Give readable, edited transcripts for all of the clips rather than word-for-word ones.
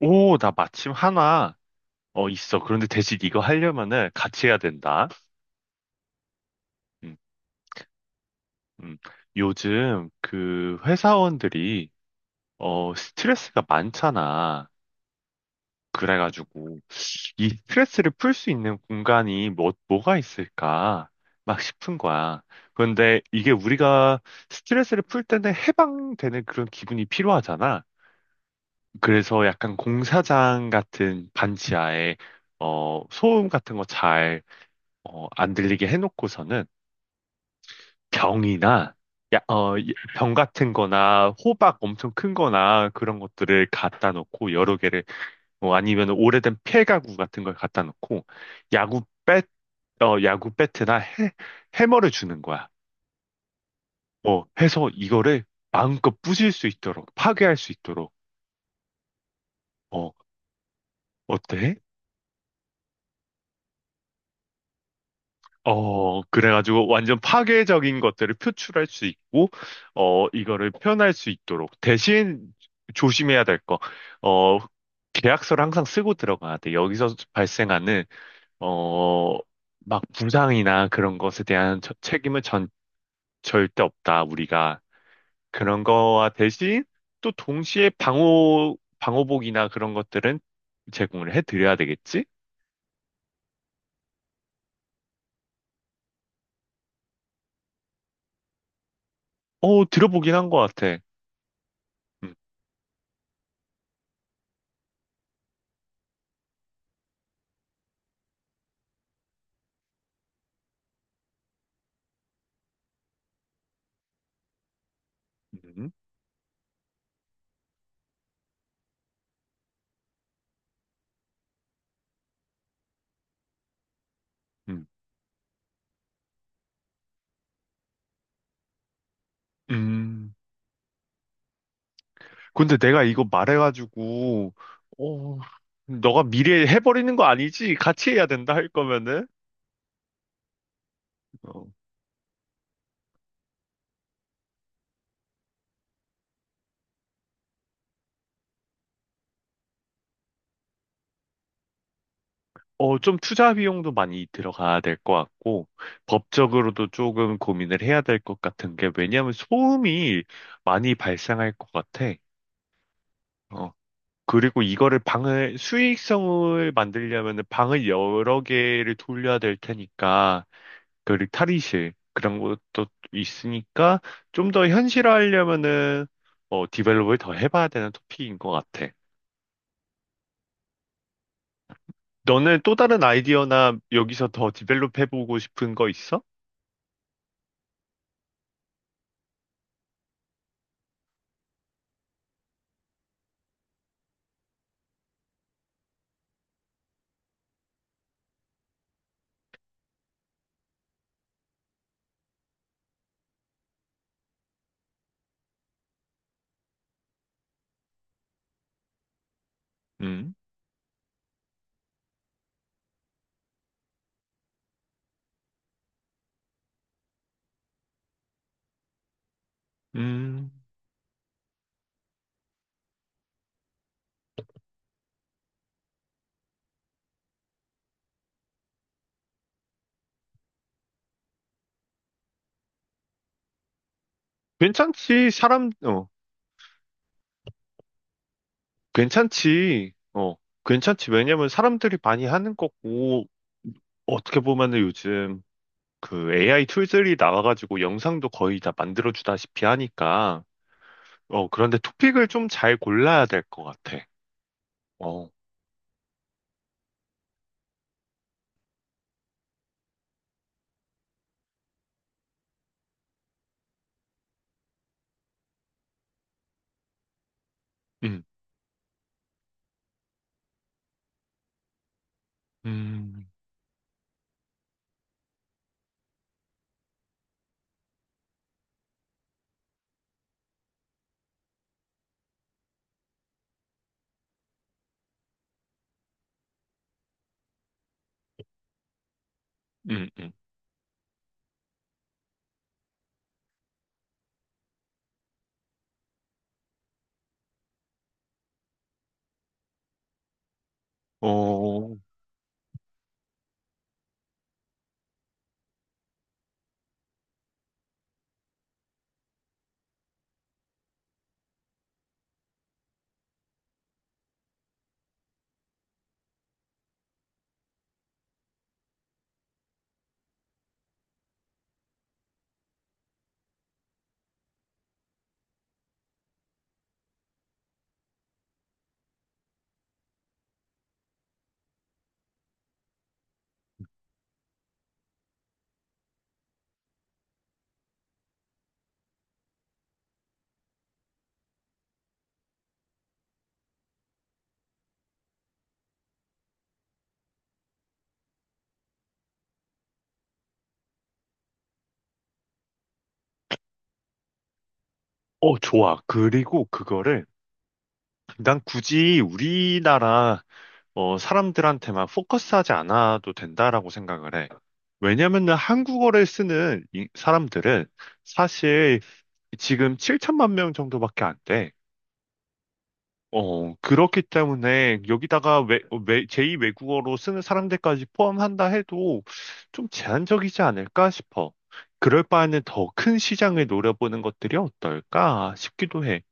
오, 나 마침 하나, 있어. 그런데 대신 이거 하려면은 같이 해야 된다. 음, 음. 요즘 그 회사원들이, 스트레스가 많잖아. 그래가지고, 이 스트레스를 풀 수 있는 공간이 뭐가 있을까? 막 싶은 거야. 그런데 이게 우리가 스트레스를 풀 때는 해방되는 그런 기분이 필요하잖아. 그래서 약간 공사장 같은 반지하에, 소음 같은 거잘 안 들리게 해놓고서는 병이나 병 같은 거나 호박 엄청 큰 거나 그런 것들을 갖다 놓고 여러 개를 뭐 아니면 오래된 폐가구 같은 걸 갖다 놓고 야구 배, 야구 배트나 해머를 주는 거야. 해서 이거를 마음껏 부술 수 있도록 파괴할 수 있도록 어, 어때? 그래가지고 완전 파괴적인 것들을 표출할 수 있고, 이거를 표현할 수 있도록. 대신 조심해야 될 거. 어, 계약서를 항상 쓰고 들어가야 돼. 여기서 발생하는, 어, 막 부상이나 그런 것에 대한 책임은 절대 없다, 우리가. 그런 거와 대신 또 동시에 방호복이나 그런 것들은 제공을 해드려야 되겠지? 들어보긴 한 것 같아. 음, 음, 음. 음. 근데 내가 이거 말해가지고, 어, 너가 미리 해버리는 거 아니지? 같이 해야 된다 할 거면은, 어, 좀 투자 비용도 많이 들어가야 될 것 같고, 법적으로도 조금 고민을 해야 될 것 같은 게, 왜냐하면 소음이 많이 발생할 것 같아. 그리고 이거를 방을 수익성을 만들려면 방을 여러 개를 돌려야 될 테니까 그리고 탈의실 그런 것도 있으니까 좀 더 현실화하려면은 디벨롭을 더 해봐야 되는 토픽인 것 같아. 너는 또 다른 아이디어나 여기서 더 디벨롭 해보고 싶은 거 있어? 음, 음, 괜찮지. 괜찮지. 괜찮지. 왜냐면 사람들이 많이 하는 거고, 어떻게 보면은 요즘 그 AI 툴들이 나와가지고 영상도 거의 다 만들어주다시피 하니까, 그런데 토픽을 좀 잘 골라야 될 것 같아. 어, 음, 음, 음, 음. 어, 좋아. 그리고 그거를, 난 굳이 우리나라 사람들한테만 포커스하지 않아도 된다라고 생각을 해. 왜냐면은 한국어를 쓰는 이 사람들은 사실 지금 7천만 명 정도밖에 안 돼. 그렇기 때문에 여기다가 제2 외국어로 쓰는 사람들까지 포함한다 해도 좀 제한적이지 않을까 싶어. 그럴 바에는 더 큰 시장을 노려보는 것들이 어떨까 싶기도 해.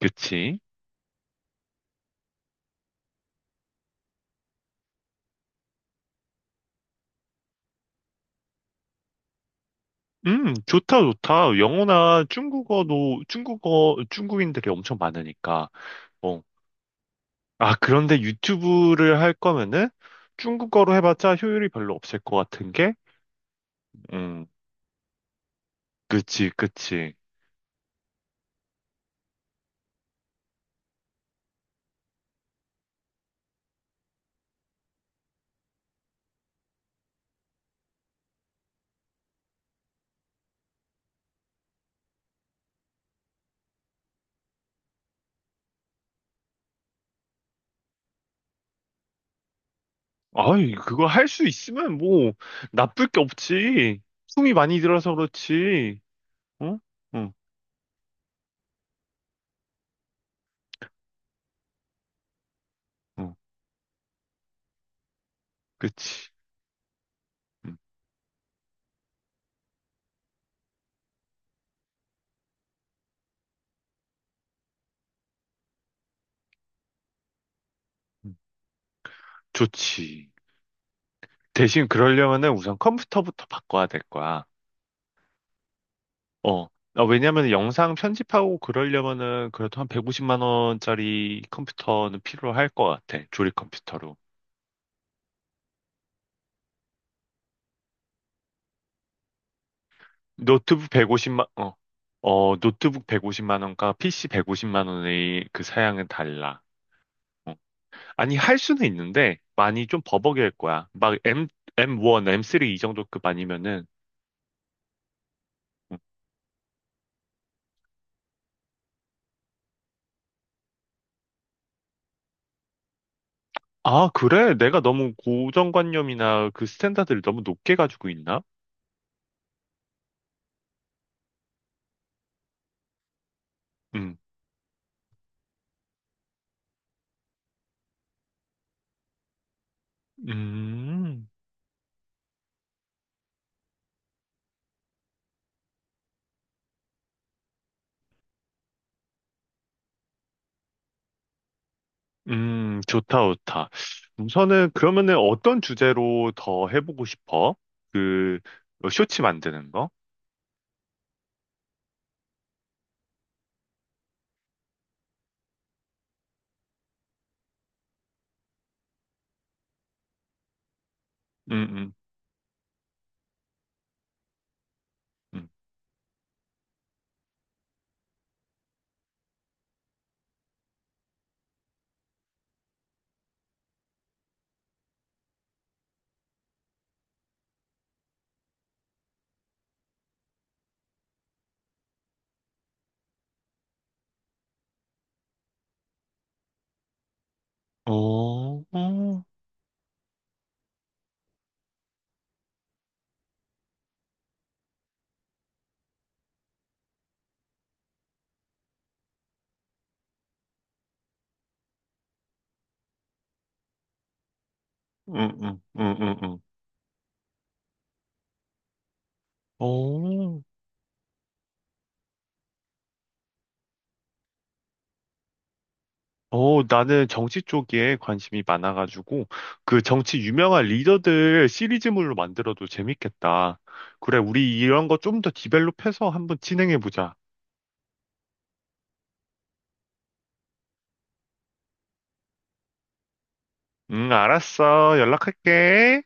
그치? 좋다, 좋다. 영어나 중국어도, 중국인들이 엄청 많으니까. 어. 아, 그런데 유튜브를 할 거면은 중국어로 해봤자 효율이 별로 없을 것 같은 게, 음, 그치, 그치. 아이, 그거 할 수 있으면 뭐, 나쁠 게 없지. 숨이 많이 들어서 그렇지. 응? 응, 응, 그치. 응, 응. 좋지. 대신 그러려면은 우선 컴퓨터부터 바꿔야 될 거야. 어. 아, 왜냐면 영상 편집하고 그러려면은 그래도 한 150만 원짜리 컴퓨터는 필요할 것 같아. 조립 컴퓨터로. 노트북 150만, 어, 어, 노트북 150만 원과 PC 150만 원의 그 사양은 달라. 어. 아니, 할 수는 있는데 많이 좀 버벅일 거야. M1, M3 이 정도급 아니면은 어. 아, 그래? 내가 너무 고정관념이나 그 스탠다드를 너무 높게 가지고 있나? 음. 음. 좋다, 좋다. 우선은 그러면은 어떤 주제로 더 해보고 싶어? 그 뭐 쇼츠 만드는 거? 음, 음, 음. 어, 어, 음, 음, 음, 음, 음. 어, 나는 정치 쪽에 관심이 많아가지고 그 정치 유명한 리더들 시리즈물로 만들어도 재밌겠다. 그래, 우리 이런 거 좀 더 디벨롭해서 한번 진행해보자. 응, 알았어. 연락할게.